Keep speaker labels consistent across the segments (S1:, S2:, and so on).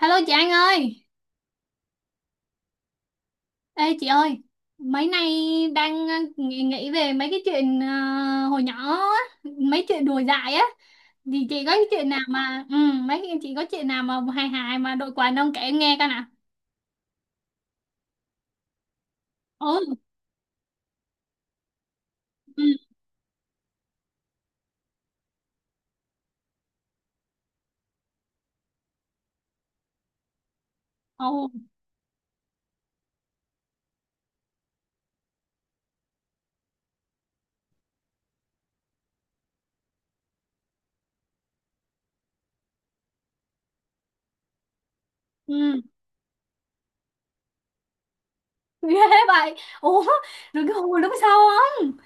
S1: Hello chị Anh ơi, ê chị ơi, mấy nay đang nghĩ về mấy cái chuyện hồi nhỏ á, mấy chuyện đùa dại á, thì chị có cái chuyện nào mà, mấy cái chị có chuyện nào mà hài hài mà đội quần ông kể em nghe coi nào. Ừ, ừ, ồ, ừ, ghê vậy, ủa, rồi cái hồi lúc sau không,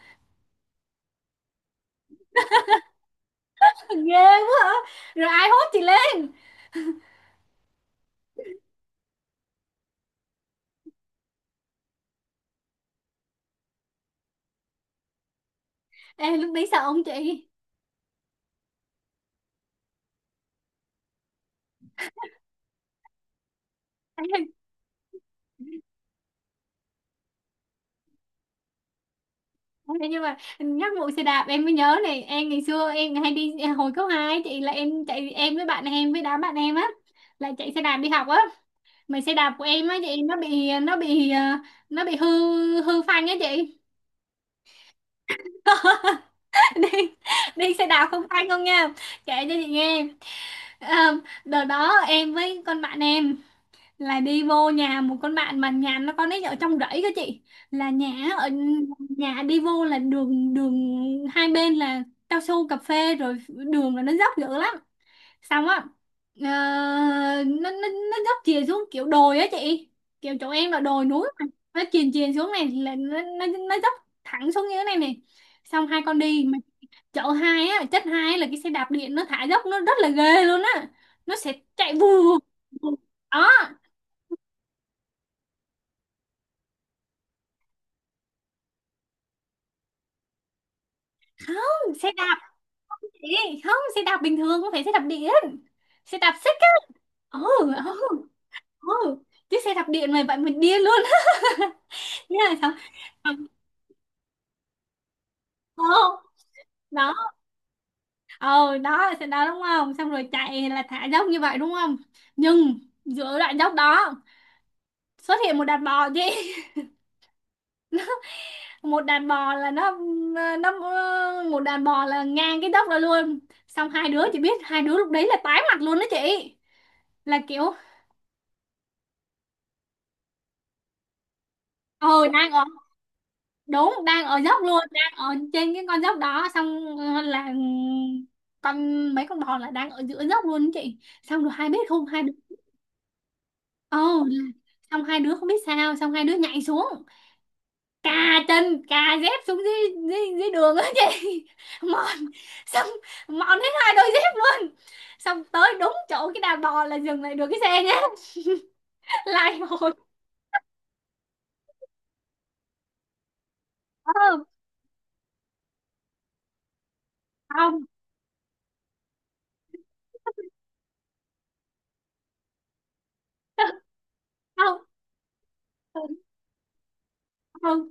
S1: ghê quá hả, rồi ai hốt chị lên, ê lúc đấy sợ không chị, Thế nhưng mà nhắc vụ xe đạp em mới nhớ này, em ngày xưa em hay đi hồi cấp 2 chị, là em chạy em với bạn em với đám bạn em á, là chạy xe đạp đi học á, mà xe đạp của em á chị nó bị nó bị hư, hư phanh á chị. Đi, đi xe đạp không phanh không nha, kể cho chị nghe. Ờ, Đợt đó em với con bạn em là đi vô nhà một con bạn mà nhà nó, con ấy ở trong rẫy cơ chị, là nhà ở, nhà đi vô là đường, đường hai bên là cao su cà phê, rồi đường là nó dốc dữ lắm. Xong á, ờ, nó dốc chìa xuống kiểu đồi á chị, kiểu chỗ em là đồi núi mà. Nó chìa chìa xuống này là nó dốc thẳng xuống như thế này này. Xong hai con đi mà chợ hai á, chất hai là cái xe đạp điện nó thả dốc nó rất là ghê luôn á, nó sẽ chạy vù vù. Đó, không xe đạp gì, không xe đạp bình thường, không phải xe đạp điện, xe đạp xích á. Ừ, ừ, ừ, chứ xe đạp điện này vậy mình điên luôn. Thế là xong, xong- ờ, đó. Ờ đó là xe đó đúng không, xong rồi chạy là thả dốc như vậy đúng không, nhưng giữa đoạn dốc đó xuất hiện một đàn bò chị. Một đàn bò là nó một đàn bò là ngang cái dốc đó luôn, xong hai đứa, chị biết hai đứa lúc đấy là tái mặt luôn đó chị, là kiểu ờ đang ở, đúng đang ở dốc luôn, đang ở trên cái con dốc đó. Xong là mấy con bò là đang ở giữa dốc luôn đó chị, xong rồi hai biết không, hai đứa, ồ, là- xong hai đứa không biết sao, xong hai đứa nhảy xuống, cà chân, cà dép xuống dưới, dưới đường á chị. Mòn, xong mòn hết hai đôi dép luôn, xong tới đúng chỗ cái đàn bò là dừng lại được cái xe nhá. Lại hồi ờ, không. Không ờ, không,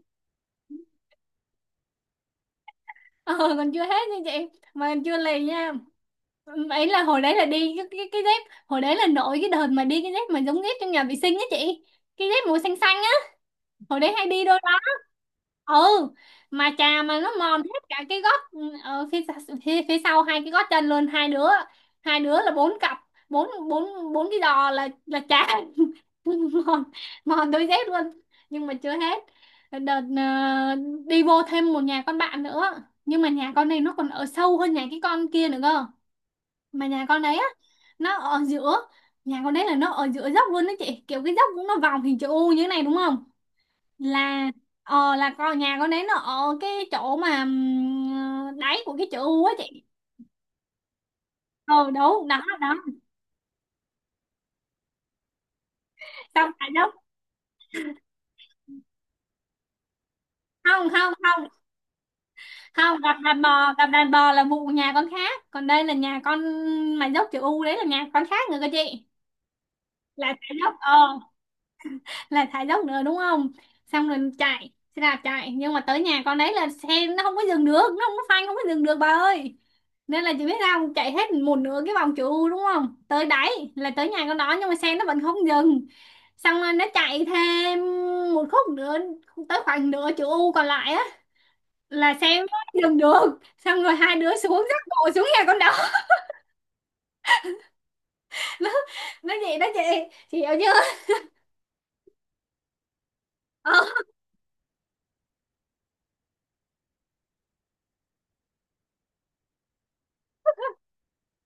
S1: ờ, còn chưa hết nha chị, mà còn chưa lì nha. Ấy là hồi đấy là đi cái cái dép, hồi đấy là nổi cái đợt mà đi cái dép mà giống dép trong nhà vệ sinh á chị, cái dép màu xanh xanh á, hồi đấy hay đi đôi đó. Ừ, mà chà mà nó mòn hết cả cái gót, ở phía phía sau hai cái gót chân luôn, hai đứa, hai đứa là bốn cặp, bốn bốn bốn cái giò là chà. Mòn, mòn đôi dép luôn, nhưng mà chưa hết. Đợt đi vô thêm một nhà con bạn nữa, nhưng mà nhà con này nó còn ở sâu hơn nhà cái con kia nữa cơ. Mà nhà con đấy á, nó ở giữa, nhà con đấy là nó ở giữa dốc luôn đó chị, kiểu cái dốc cũng nó vòng hình chữ U như thế này đúng không, là ờ là con, nhà con đấy nó ở cái chỗ mà đáy của cái chữ U á chị. Ờ đúng đó đó, xong cả dốc, không, không gặp đàn bò, gặp đàn bò là vụ nhà con khác, còn đây là nhà con mà dốc chữ U đấy, là nhà con khác nữa cơ chị. Là cả dốc ờ, là thả dốc nữa đúng không, xong rồi chạy xe đạp chạy, nhưng mà tới nhà con đấy là xe nó không có dừng được, nó không có phanh, không có dừng được bà ơi. Nên là chị biết sao không? Chạy hết một nửa cái vòng chữ U đúng không, tới đáy là tới nhà con đó, nhưng mà xe nó vẫn không dừng, xong rồi nó chạy thêm một khúc nữa, tới khoảng nửa chữ U còn lại á, là xe nó dừng được, xong rồi hai đứa xuống dắt bộ xuống nhà con đó. nó nó gì đó chị hiểu chưa?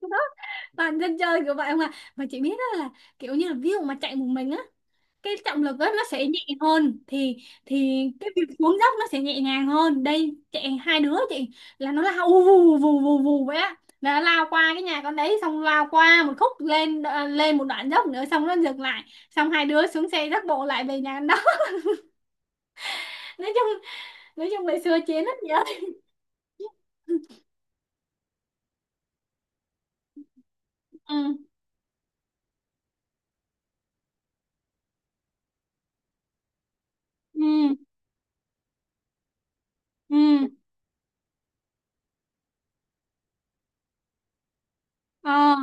S1: Ờ. Toàn dân chơi kiểu vậy mà chị biết đó là kiểu như là ví dụ mà chạy một mình á, cái trọng lực á nó sẽ nhẹ hơn thì cái việc xuống dốc nó sẽ nhẹ nhàng hơn, đây chạy hai đứa chị, là nó lao vù vù vù vù vù vậy á, là nó lao qua cái nhà con đấy, xong lao qua một khúc lên, lên một đoạn dốc nữa xong nó dừng lại, xong hai đứa xuống xe dắt bộ lại về nhà con đó. nói chung nói chung là xưa chiến rất nhiều. Ừ, ừ, ừ, ờ,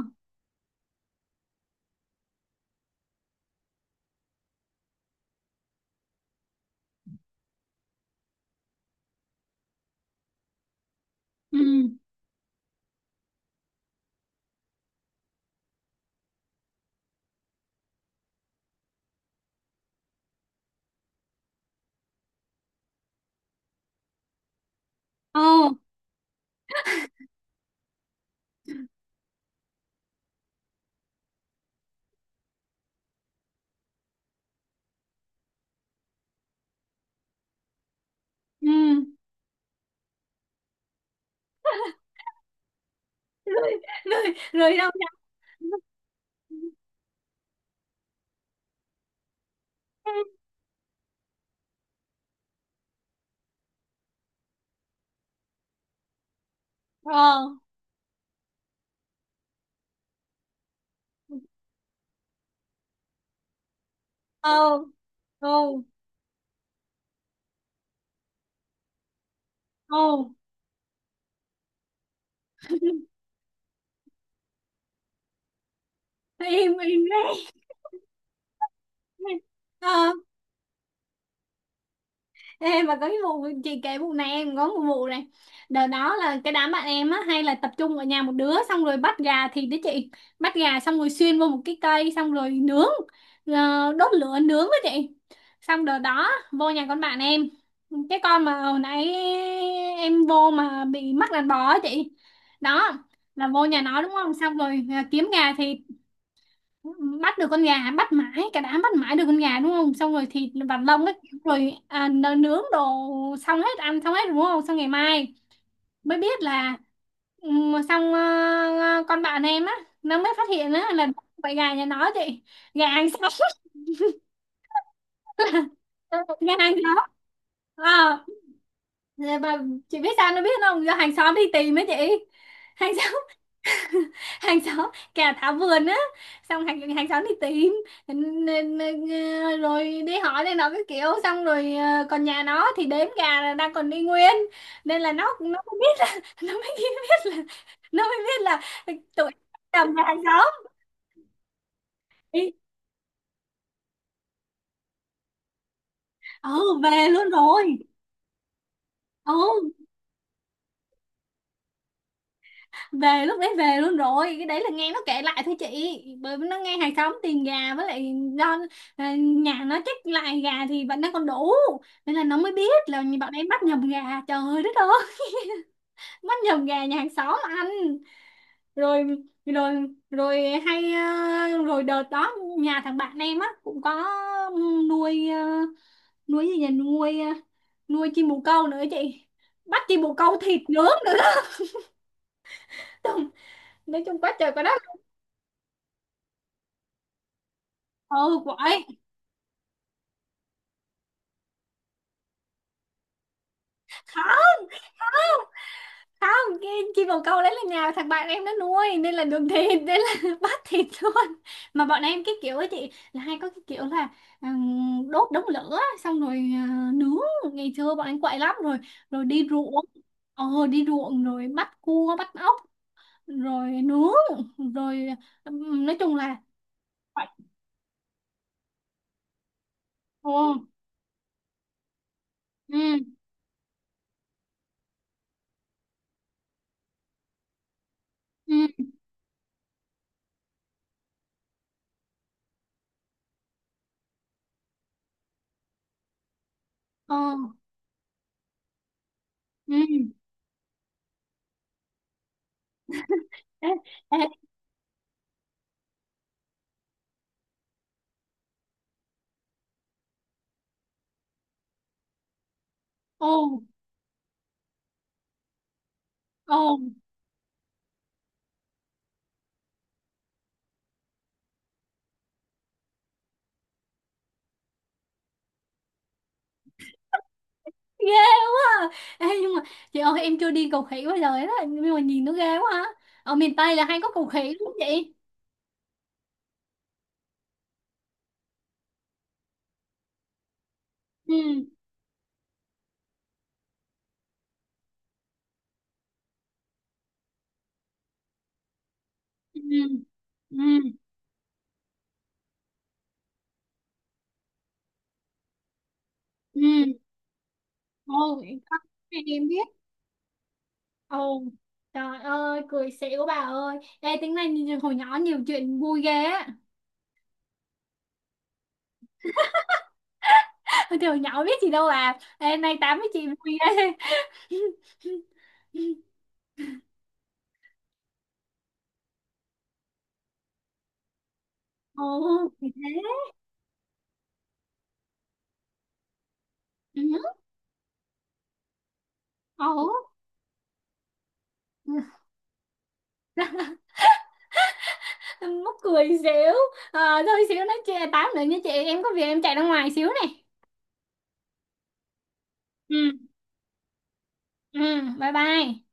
S1: ừ, ờ, ừ. rồi rồi Rồi đâu nhá. Ờ, ờ, ừ, ừ, im im đấy, ờ. Ê, mà có cái vụ chị kể vụ này, em có một vụ này. Đợt đó là cái đám bạn em á hay là tập trung ở nhà một đứa, xong rồi bắt gà thịt đấy chị. Bắt gà xong rồi xuyên vô một cái cây xong rồi nướng, đốt lửa nướng đó chị. Xong đợt đó vô nhà con bạn em, cái con mà hồi nãy em vô mà bị mắc đàn bò á chị, đó, là vô nhà nó đúng không, xong rồi kiếm gà thịt, bắt được con gà, bắt mãi, cả đám bắt mãi được con gà đúng không, xong rồi thịt và lông ấy, rồi nướng đồ, xong hết ăn xong hết đúng không, xong ngày mai mới biết là xong con bạn em á nó mới phát hiện á là vậy gà nhà nó chị, gà hàng xóm. Gà hàng xóm. Ờ, và chị biết sao nó biết không, do hàng xóm đi tìm ấy chị, hàng xóm, hàng xóm kẻ tháo vườn á, xong hàng hàng xóm thì tìm, N- n- rồi đi hỏi này nó cái kiểu, xong rồi còn nhà nó thì đếm gà là đang còn đi nguyên, nên là nó mới biết là, nó mới biết là nó mới biết là tụi, chồng nhà hàng xóm. Ý, ừ về luôn rồi, ừ, về lúc đấy về luôn rồi, cái đấy là nghe nó kể lại thôi chị, bởi vì nó nghe hàng xóm tiền gà, với lại do nhà nó chết lại gà thì vẫn đang còn đủ, nên là nó mới biết là bọn em bắt nhầm gà. Trời đất ơi. Bắt nhầm gà nhà hàng xóm ăn. Rồi rồi Rồi hay, rồi đợt đó nhà thằng bạn em á cũng có nuôi nuôi gì nhỉ, nuôi nuôi chim bồ câu nữa chị, bắt chim bồ câu thịt nướng nữa. Nói chung quá trời quá đất. Ừ, quậy, khó, không cái chim bồ câu đấy là nhà thằng bạn em nó nuôi nên là đường thịt, nên là bắt thịt luôn. Mà bọn em cái kiểu ấy chị là hay có cái kiểu là đốt đống lửa xong rồi nướng, ngày xưa bọn em quậy lắm. Rồi rồi đi ruộng, ờ, đi ruộng rồi bắt cua bắt ốc rồi nướng rồi nói chung là quậy. Ồ, ừ, ừ, ờ, ừ. Ê, ê, ồ, ồ, ghê quá à. Ê, nhưng mà chị ơi em chưa đi cầu khỉ bao giờ hết á, nhưng mà nhìn nó ghê quá à. Ở miền Tây là hay có cầu khỉ đúng không chị? Ừ, ừ, ừ, ừ, ồ, em biết, ồ, trời ơi cười xỉu bà ơi. Ê tính này nhìn hồi nhỏ nhiều chuyện vui ghê á. Thì hồi nhỏ biết gì đâu à, ê nay tám với chị vui ghê. Ồ, thì thế, ừ, ồ, ừ. Mắc cười xíu. Ờ, thôi xíu nói chuyện tám nữa nha chị, em có việc em chạy ra ngoài xíu này. Ừ, ừ, bye bye.